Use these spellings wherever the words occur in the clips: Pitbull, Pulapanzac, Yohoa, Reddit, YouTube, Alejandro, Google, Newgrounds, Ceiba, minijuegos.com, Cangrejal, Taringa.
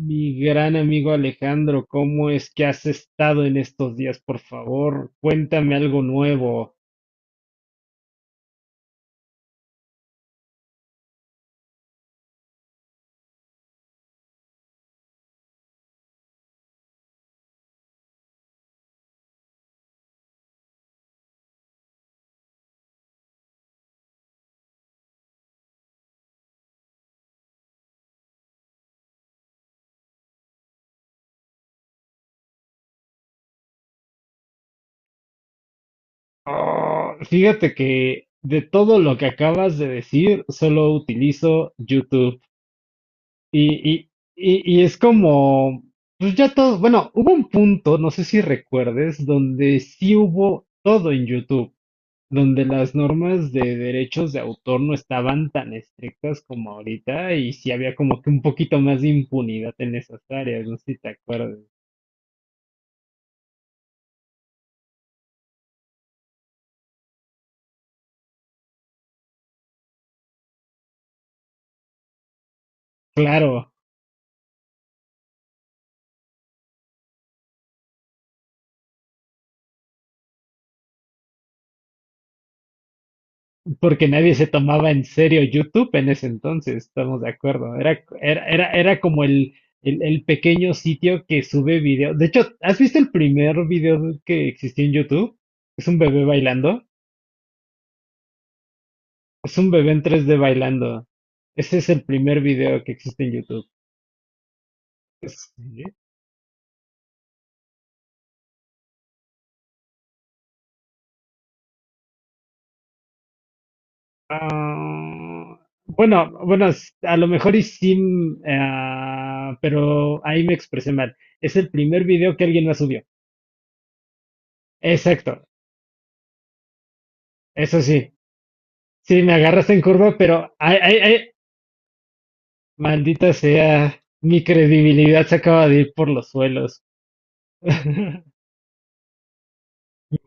Mi gran amigo Alejandro, ¿cómo es que has estado en estos días? Por favor, cuéntame algo nuevo. Ah, fíjate que de todo lo que acabas de decir, solo utilizo YouTube. Y es como, pues ya todo, bueno, hubo un punto, no sé si recuerdes, donde sí hubo todo en YouTube. Donde las normas de derechos de autor no estaban tan estrictas como ahorita y sí había como que un poquito más de impunidad en esas áreas, no sé si te acuerdas. Claro, porque nadie se tomaba en serio YouTube en ese entonces, estamos de acuerdo. Era como el pequeño sitio que sube video. De hecho, ¿has visto el primer video que existió en YouTube? Es un bebé bailando. Es un bebé en tres d bailando. Ese es el primer video que existe en YouTube. Ah, a lo mejor y sí, pero ahí me expresé mal. Es el primer video que alguien más subió. Exacto, eso sí. Sí, me agarraste en curva, pero ay, ay, ay, maldita sea, mi credibilidad se acaba de ir por los suelos.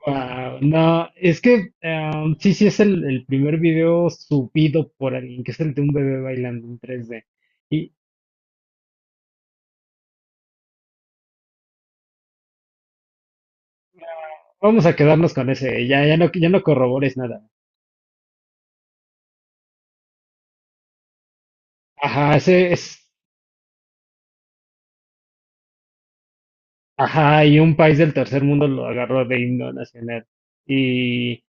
Wow, no, es que sí, sí es el primer video subido por alguien, que es el de un bebé bailando en 3D. Y vamos a quedarnos con ese, ya, ya no, ya no corrobores nada. Ajá, ese es, ajá, y un país del tercer mundo lo agarró de himno nacional. Y,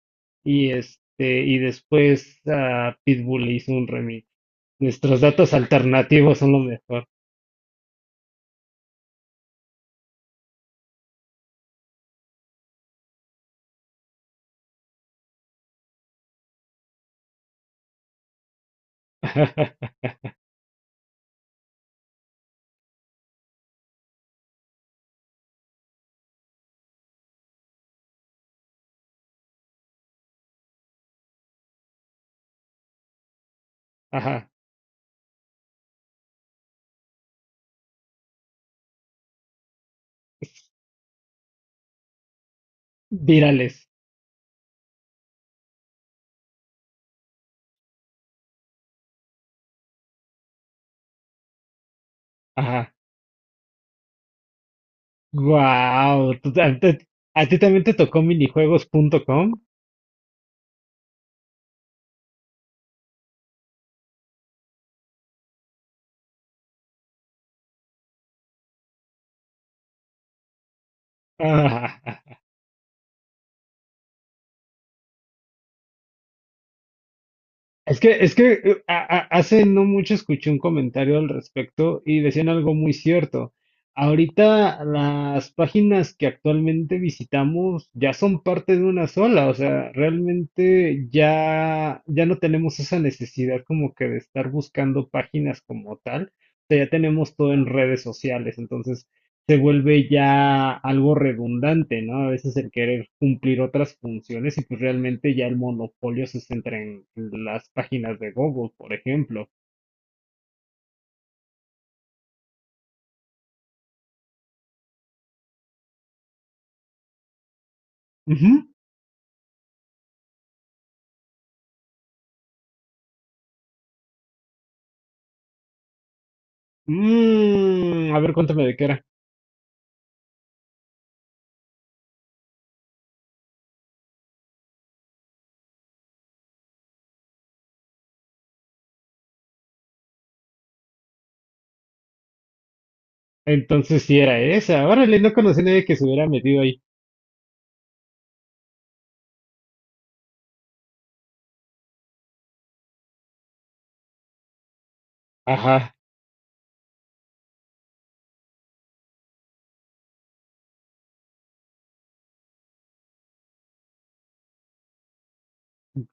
y este, y después Pitbull le hizo un remix. Nuestros datos alternativos son lo mejor. Ajá, virales. Ajá. Wow. ¿A ti también te tocó minijuegos.com? Es que, hace no mucho escuché un comentario al respecto y decían algo muy cierto. Ahorita las páginas que actualmente visitamos ya son parte de una sola, o sea, realmente ya, ya no tenemos esa necesidad como que de estar buscando páginas como tal, o sea, ya tenemos todo en redes sociales, entonces se vuelve ya algo redundante, ¿no? A veces el querer cumplir otras funciones y pues realmente ya el monopolio se centra en las páginas de Google, por ejemplo. Ujú. Mm, a ver, cuéntame de qué era. Entonces sí era esa. Órale, no conocí a nadie que se hubiera metido ahí. Ajá.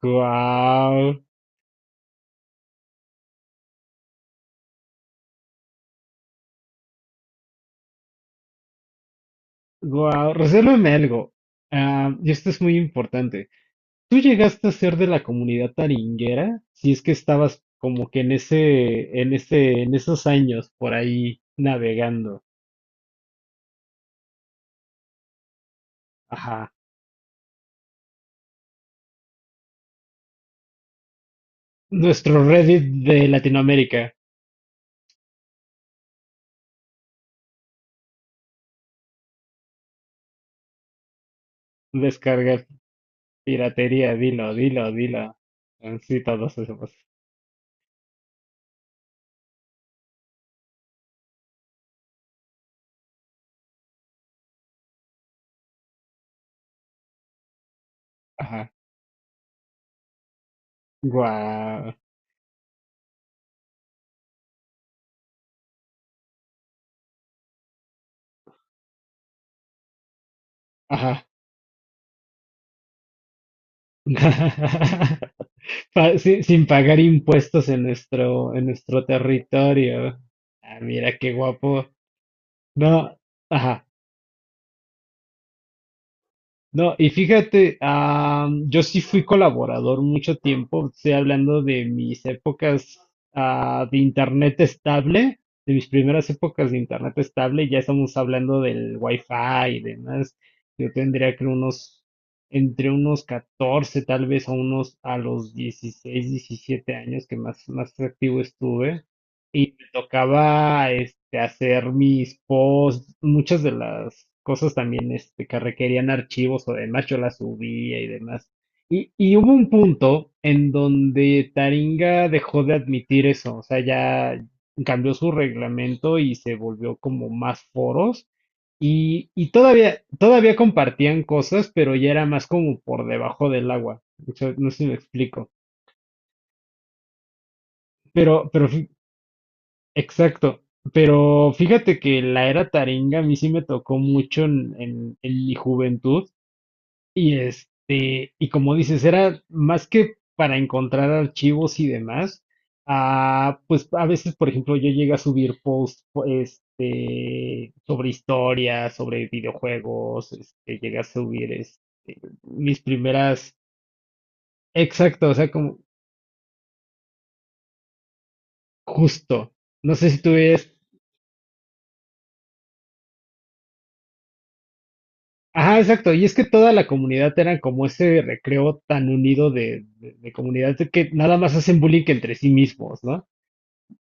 Guau. Guau. Resérvame algo. Ah, y esto es muy importante. ¿Tú llegaste a ser de la comunidad taringuera? Si es que estabas como que en ese, en ese, en esos años por ahí navegando. Ajá. Nuestro Reddit de Latinoamérica. Descarga piratería, dilo, dilo, dilo. Sí, todos esos. Ajá. Guau. Ajá. Sin, sin pagar impuestos en nuestro territorio. Ah, mira qué guapo. No. Ajá. No, y fíjate, yo sí fui colaborador mucho tiempo, estoy hablando de mis épocas de internet estable, de mis primeras épocas de internet estable, ya estamos hablando del wifi y demás. Yo tendría que unos, entre unos 14, tal vez a unos, a los 16, 17 años que más, más activo estuve. Y me tocaba este, hacer mis posts, muchas de las cosas también este, que requerían archivos o demás, yo las subía y demás. Y hubo un punto en donde Taringa dejó de admitir eso, o sea, ya cambió su reglamento y se volvió como más foros. Y todavía, todavía compartían cosas, pero ya era más como por debajo del agua. O sea, no sé si me explico. Pero, pero, fí- exacto. Pero fíjate que la era Taringa a mí sí me tocó mucho en mi juventud. Y este, y como dices, era más que para encontrar archivos y demás, ah, pues a veces, por ejemplo, yo llegué a subir posts este, sobre historias, sobre videojuegos, este, llegué a subir este, mis primeras, exacto, o sea, como justo, no sé si tú ves, ajá, exacto, y es que toda la comunidad era como ese recreo tan unido de comunidad de que nada más hacen bullying entre sí mismos, ¿no?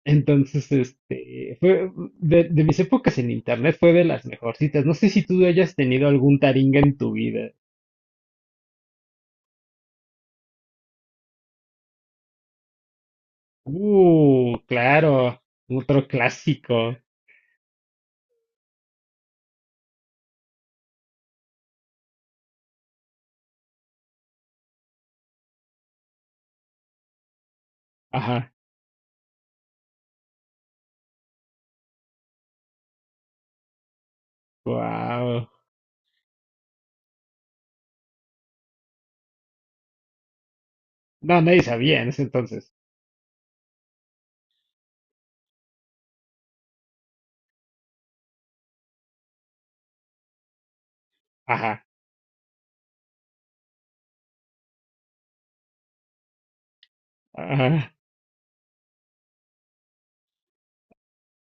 Entonces, este, fue de mis épocas en internet fue de las mejorcitas. No sé si tú hayas tenido algún taringa en tu vida. Claro, otro clásico. Ajá, wow. No, nadie sabía en ese entonces. Ajá, ajá,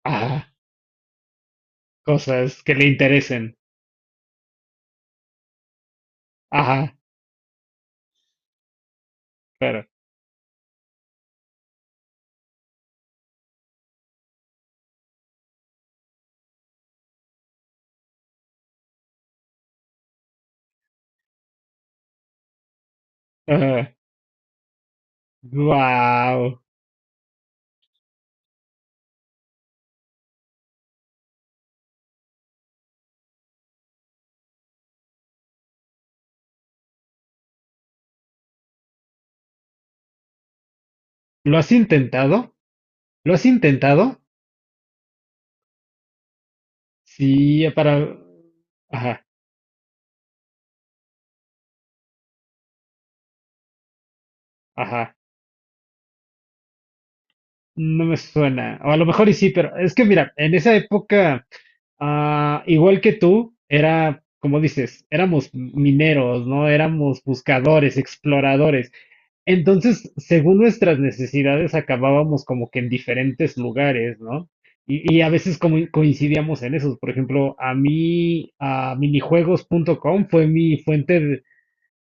ajá. Cosas que le interesen. Ajá, claro. Ajá. Wow. ¿Lo has intentado? ¿Lo has intentado? Sí, para. Ajá, ajá. No me suena. O a lo mejor y sí, pero es que mira, en esa época, ah, igual que tú, era, como dices, éramos mineros, ¿no? Éramos buscadores, exploradores. Entonces, según nuestras necesidades, acabábamos como que en diferentes lugares, ¿no? Y a veces como coincidíamos en esos. Por ejemplo, a mí, a minijuegos punto com fue mi fuente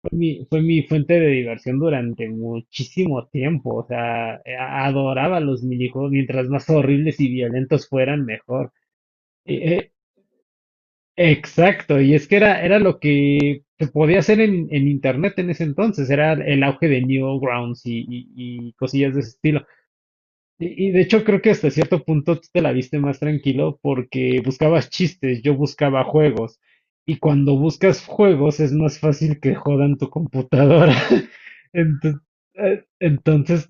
fue mi fuente de diversión durante muchísimo tiempo. O sea, adoraba los minijuegos, mientras más horribles y violentos fueran, mejor. E- e- exacto, y es que era, era lo que se podía hacer en internet en ese entonces, era el auge de Newgrounds y cosillas de ese estilo. Y de hecho creo que hasta cierto punto tú te la viste más tranquilo porque buscabas chistes, yo buscaba juegos. Y cuando buscas juegos es más fácil que jodan tu computadora. Entonces, entonces,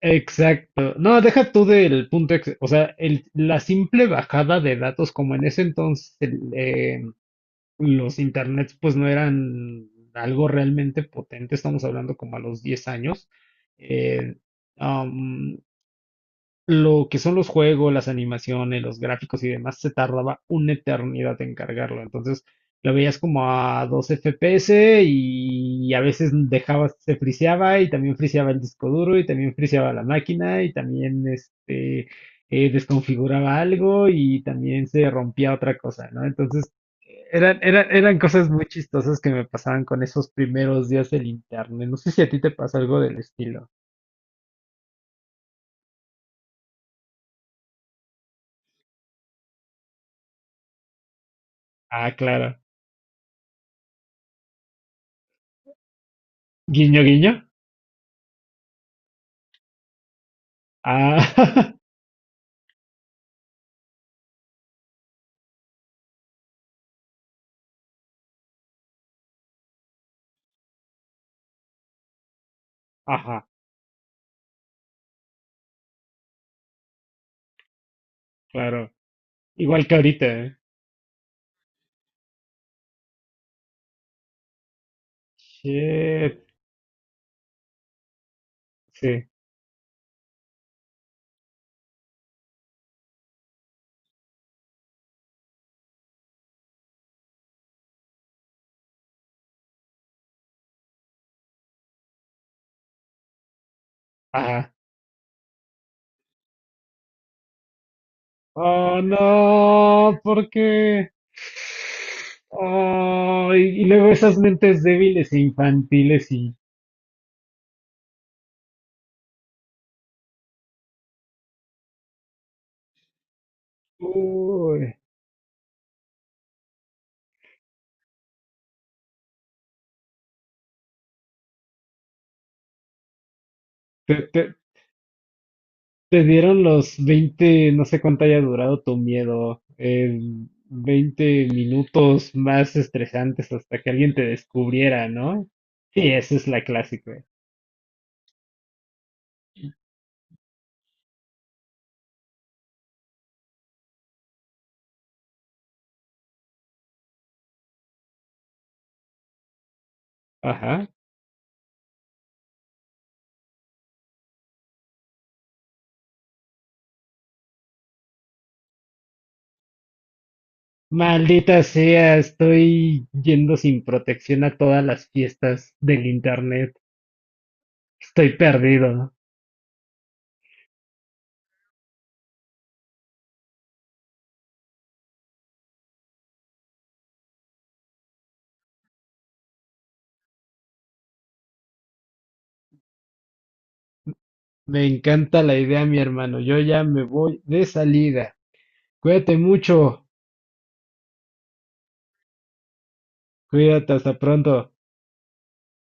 exacto. No, deja tú del punto, o sea, la simple bajada de datos, como en ese entonces los internets pues no eran algo realmente potente, estamos hablando como a los 10 años. eh, um, lo que son los juegos, las animaciones, los gráficos y demás, se tardaba una eternidad en cargarlo. Entonces lo veías como a 2 FPS y a veces dejaba, se friseaba y también friseaba el disco duro y también friseaba la máquina y también este desconfiguraba algo y también se rompía otra cosa, ¿no? Entonces eran cosas muy chistosas que me pasaban con esos primeros días del internet. No sé si a ti te pasa algo del estilo. Ah, claro. Guiño, guiño. Ah, ajá, claro. Igual que ahorita, ¿eh? Shit, sí, ajá. Oh, no, ¿por qué? Oh, y luego esas mentes débiles e infantiles y... Uy, te, te- te dieron los veinte no sé cuánto haya durado tu miedo, 20 minutos más estresantes hasta que alguien te descubriera, ¿no? Sí, esa es la clásica. Ajá. Maldita sea, estoy yendo sin protección a todas las fiestas del internet. Estoy perdido. Me encanta la idea, mi hermano. Yo ya me voy de salida. Cuídate mucho. Cuídate, hasta pronto.